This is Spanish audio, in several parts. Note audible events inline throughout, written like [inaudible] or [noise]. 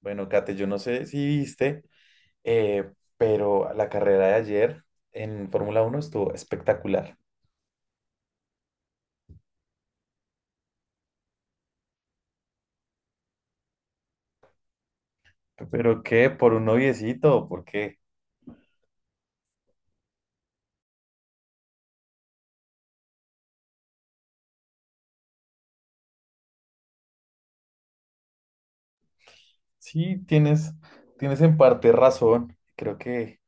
Bueno, Kate, yo no sé si viste, eh, pero la carrera de ayer en Fórmula Uno estuvo espectacular. ¿Pero qué? ¿Por un noviecito? Porque sí, tienes en parte razón. Creo que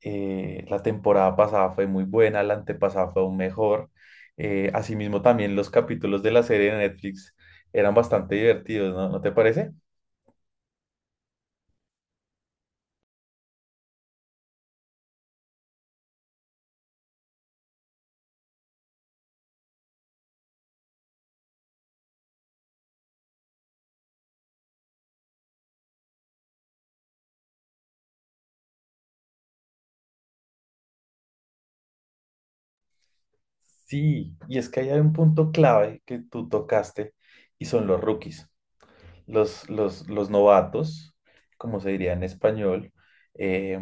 la temporada pasada fue muy buena, la antepasada fue aún mejor. Asimismo, también los capítulos de la serie de Netflix eran bastante divertidos, ¿no? ¿No te parece? Sí, y es que ahí hay un punto clave que tú tocaste y son los rookies. Los novatos, como se diría en español, eh,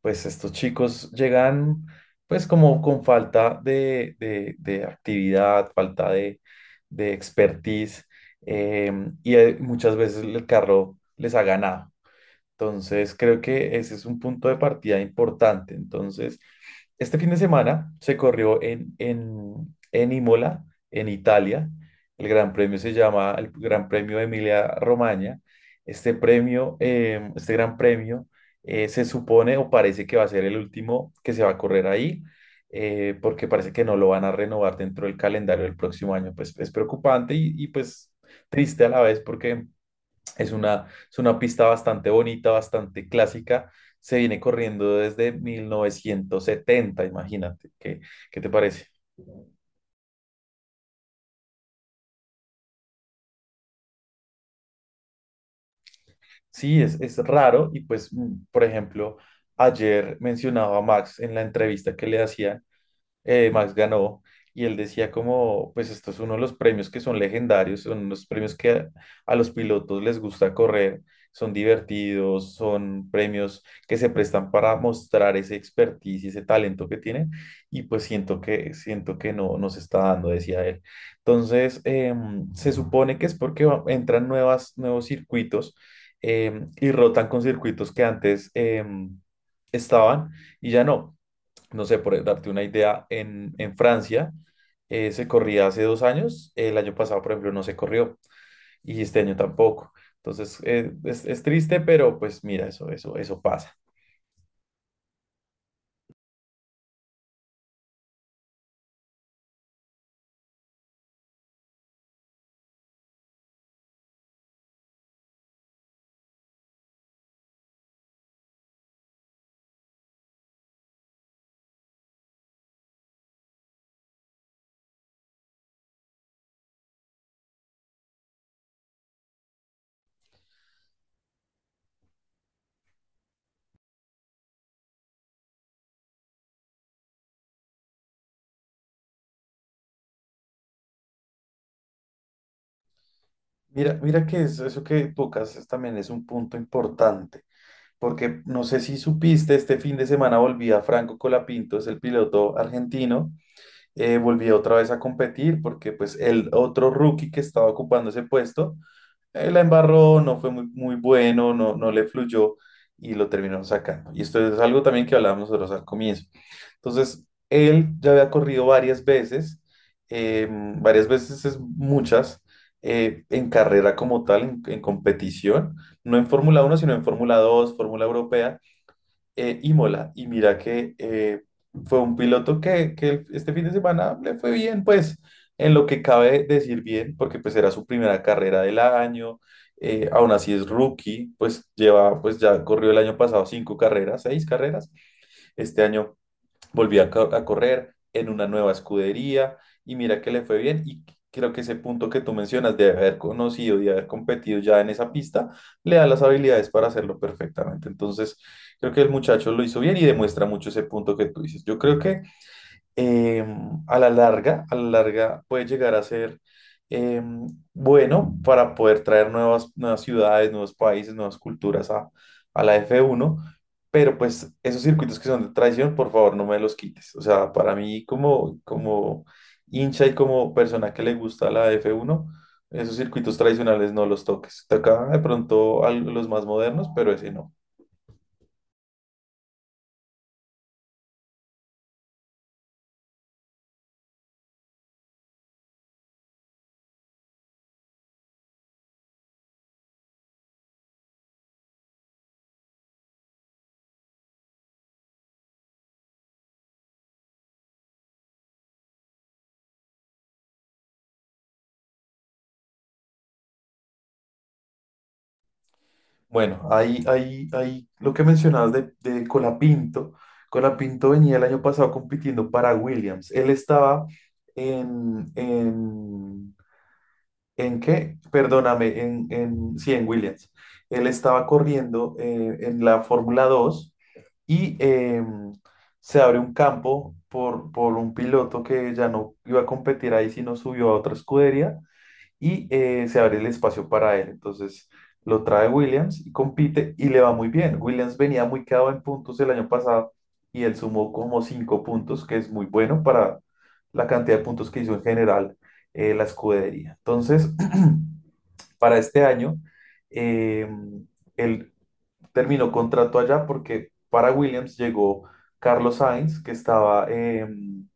pues estos chicos llegan pues como con falta de actividad, falta de expertise, eh, y muchas veces el carro les ha ganado. Entonces, creo que ese es un punto de partida importante. Entonces, este fin de semana se corrió en Imola, en Italia. El gran premio se llama el Gran Premio Emilia Romagna. Este premio, este gran premio, se supone o parece que va a ser el último que se va a correr ahí, porque parece que no lo van a renovar dentro del calendario del próximo año. Pues es preocupante y pues triste a la vez porque es una pista bastante bonita, bastante clásica. Se viene corriendo desde 1970, imagínate. ¿Qué, qué te parece? Sí, es raro y pues, por ejemplo, ayer mencionaba a Max en la entrevista que le hacían Max ganó y él decía como, pues esto es uno de los premios que son legendarios, son los premios que a los pilotos les gusta correr, son divertidos, son premios que se prestan para mostrar ese expertise y ese talento que tienen y pues siento que no, no se está dando, decía él. Entonces, se supone que es porque entran nuevos circuitos y rotan con circuitos que antes... estaban y ya no no sé, por darte una idea, en Francia se corría hace 2 años, el año pasado, por ejemplo, no se corrió y este año tampoco. Entonces, es triste, pero pues mira, eso pasa. Mira que eso que tocas también es un punto importante, porque no sé si supiste, este fin de semana volvía Franco Colapinto, es el piloto argentino, volvía otra vez a competir porque pues el otro rookie que estaba ocupando ese puesto la embarró, no fue muy bueno, no le fluyó y lo terminaron sacando. Y esto es algo también que hablábamos nosotros al comienzo. Entonces, él ya había corrido varias veces es muchas, en carrera como tal, en competición, no en Fórmula Uno sino en Fórmula Dos Fórmula Europea, Imola. Y mira que fue un piloto que este fin de semana le fue bien, pues en lo que cabe decir bien, porque pues era su primera carrera del año, aún así es rookie, pues lleva, pues ya corrió el año pasado 5 carreras, 6 carreras, este año volvió a correr en una nueva escudería y mira que le fue bien y creo que ese punto que tú mencionas de haber conocido y haber competido ya en esa pista le da las habilidades para hacerlo perfectamente. Entonces, creo que el muchacho lo hizo bien y demuestra mucho ese punto que tú dices. Yo creo que a la larga puede llegar a ser em, bueno para poder traer nuevas ciudades, nuevos países, nuevas culturas a la f uno pero pues esos circuitos que son de traición, por favor, no me los quites. O sea, para mí como hincha y como persona que le gusta la f uno esos circuitos tradicionales no los toques. Toca de pronto a los más modernos, pero ese no. Bueno, ahí lo que mencionabas de Colapinto. Colapinto venía el año pasado compitiendo para Williams. Él estaba en, en, en, qué? Perdóname, sí, en Williams. Él estaba corriendo en la Fórmula 2 y se abre un campo por un piloto que ya no iba a competir ahí, sino subió a otra escudería y se abre el espacio para él. Entonces lo trae Williams y compite y le va muy bien. Williams venía muy quedado en puntos el año pasado y él sumó como cinco puntos, que es muy bueno para la cantidad de puntos que hizo en general la escudería. Entonces, [clears throat] para este año, eh, él terminó contrato allá porque para Williams llegó Carlos Sainz, que estaba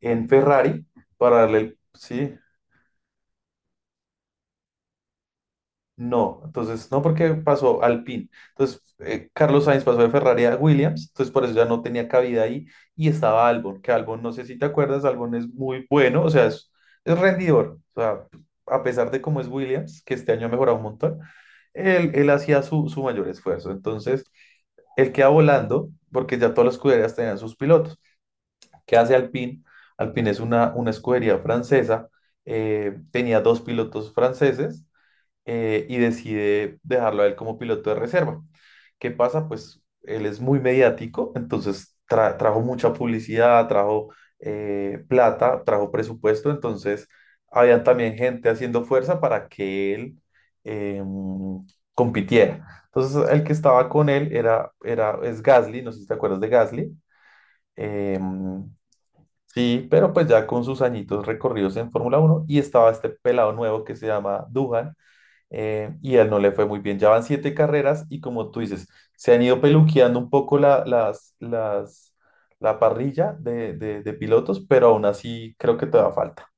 en Ferrari, para darle el, sí, no, entonces no porque pasó al PIN. Entonces Carlos Sainz pasó de Ferrari a Williams, entonces por eso ya no tenía cabida ahí y estaba Albon, que Albon no sé si te acuerdas, Albon es muy bueno, o sea, es rendidor, o sea, a pesar de cómo es Williams, que este año ha mejorado un montón, él hacía su mayor esfuerzo. Entonces él queda volando porque ya todas las escuderías tenían sus pilotos. ¿Qué hace Alpine? Alpine es una escudería francesa, tenía dos pilotos franceses y decide dejarlo a él como piloto de reserva. ¿Qué pasa? Pues él es muy mediático, entonces trajo mucha publicidad, trajo plata, trajo presupuesto, entonces había también gente haciendo fuerza para que él em, compitiera. Entonces el que estaba con él es Gasly, no sé si te acuerdas de Gasly. em, Sí, pero pues ya con sus añitos recorridos en Fórmula Uno y estaba este pelado nuevo que se llama Duhan, y a él no le fue muy bien. Ya van 7 carreras y como tú dices, se han ido peluqueando un poco la parrilla de pilotos, pero aún así creo que todavía falta.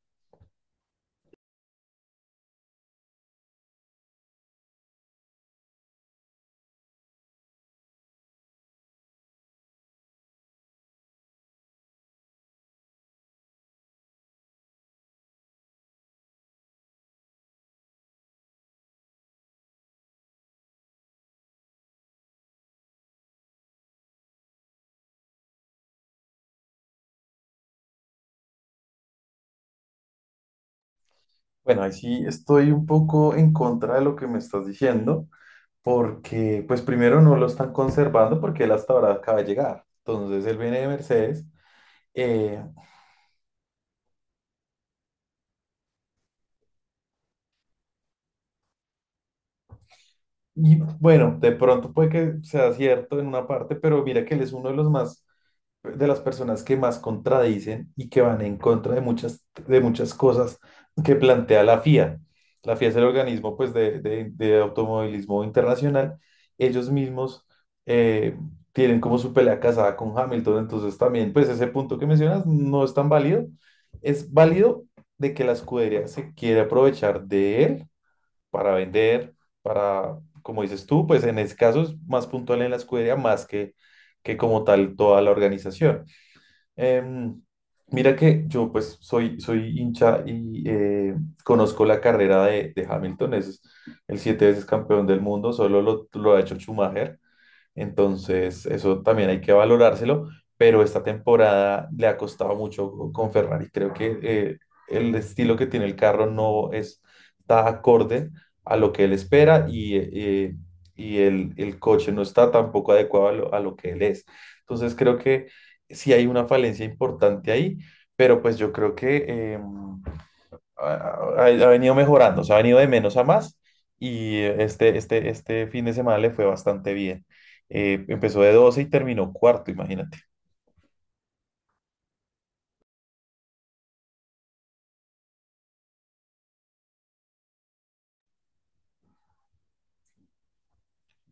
Bueno, ahí sí estoy un poco en contra de lo que me estás diciendo, porque pues primero no lo están conservando porque él hasta ahora acaba de llegar. Entonces él viene de Mercedes. eh, y bueno, de pronto puede que sea cierto en una parte, pero mira que él es uno de los más de las personas que más contradicen y que van en contra de de muchas cosas que plantea la FIA. La FIA es el organismo pues, de automovilismo internacional. Ellos mismos eh, tienen como su pelea casada con Hamilton, entonces también pues ese punto que mencionas no es tan válido. Es válido de que la escudería se quiere aprovechar de él para vender, para, como dices tú, pues en ese caso es más puntual en la escudería más que como tal toda la organización. Em, Mira que yo pues soy hincha y conozco la carrera de Hamilton, es el 7 veces campeón del mundo, solo lo ha hecho Schumacher. Entonces, eso también hay que valorárselo, pero esta temporada le ha costado mucho con Ferrari. Creo que el estilo que tiene el carro no es- está acorde a lo que él espera y el coche no está tampoco adecuado a lo que él es. Entonces, creo que sí hay una falencia importante ahí, pero pues yo creo que... em, ha, ha venido mejorando, o sea, ha venido de menos a más y este fin de semana le fue bastante bien. Empezó de 12 y terminó cuarto, imagínate.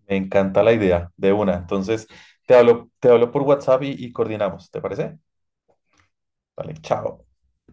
Me encanta la idea de una. Entonces, te hablo por WhatsApp y coordinamos, ¿te parece? Vale, chao.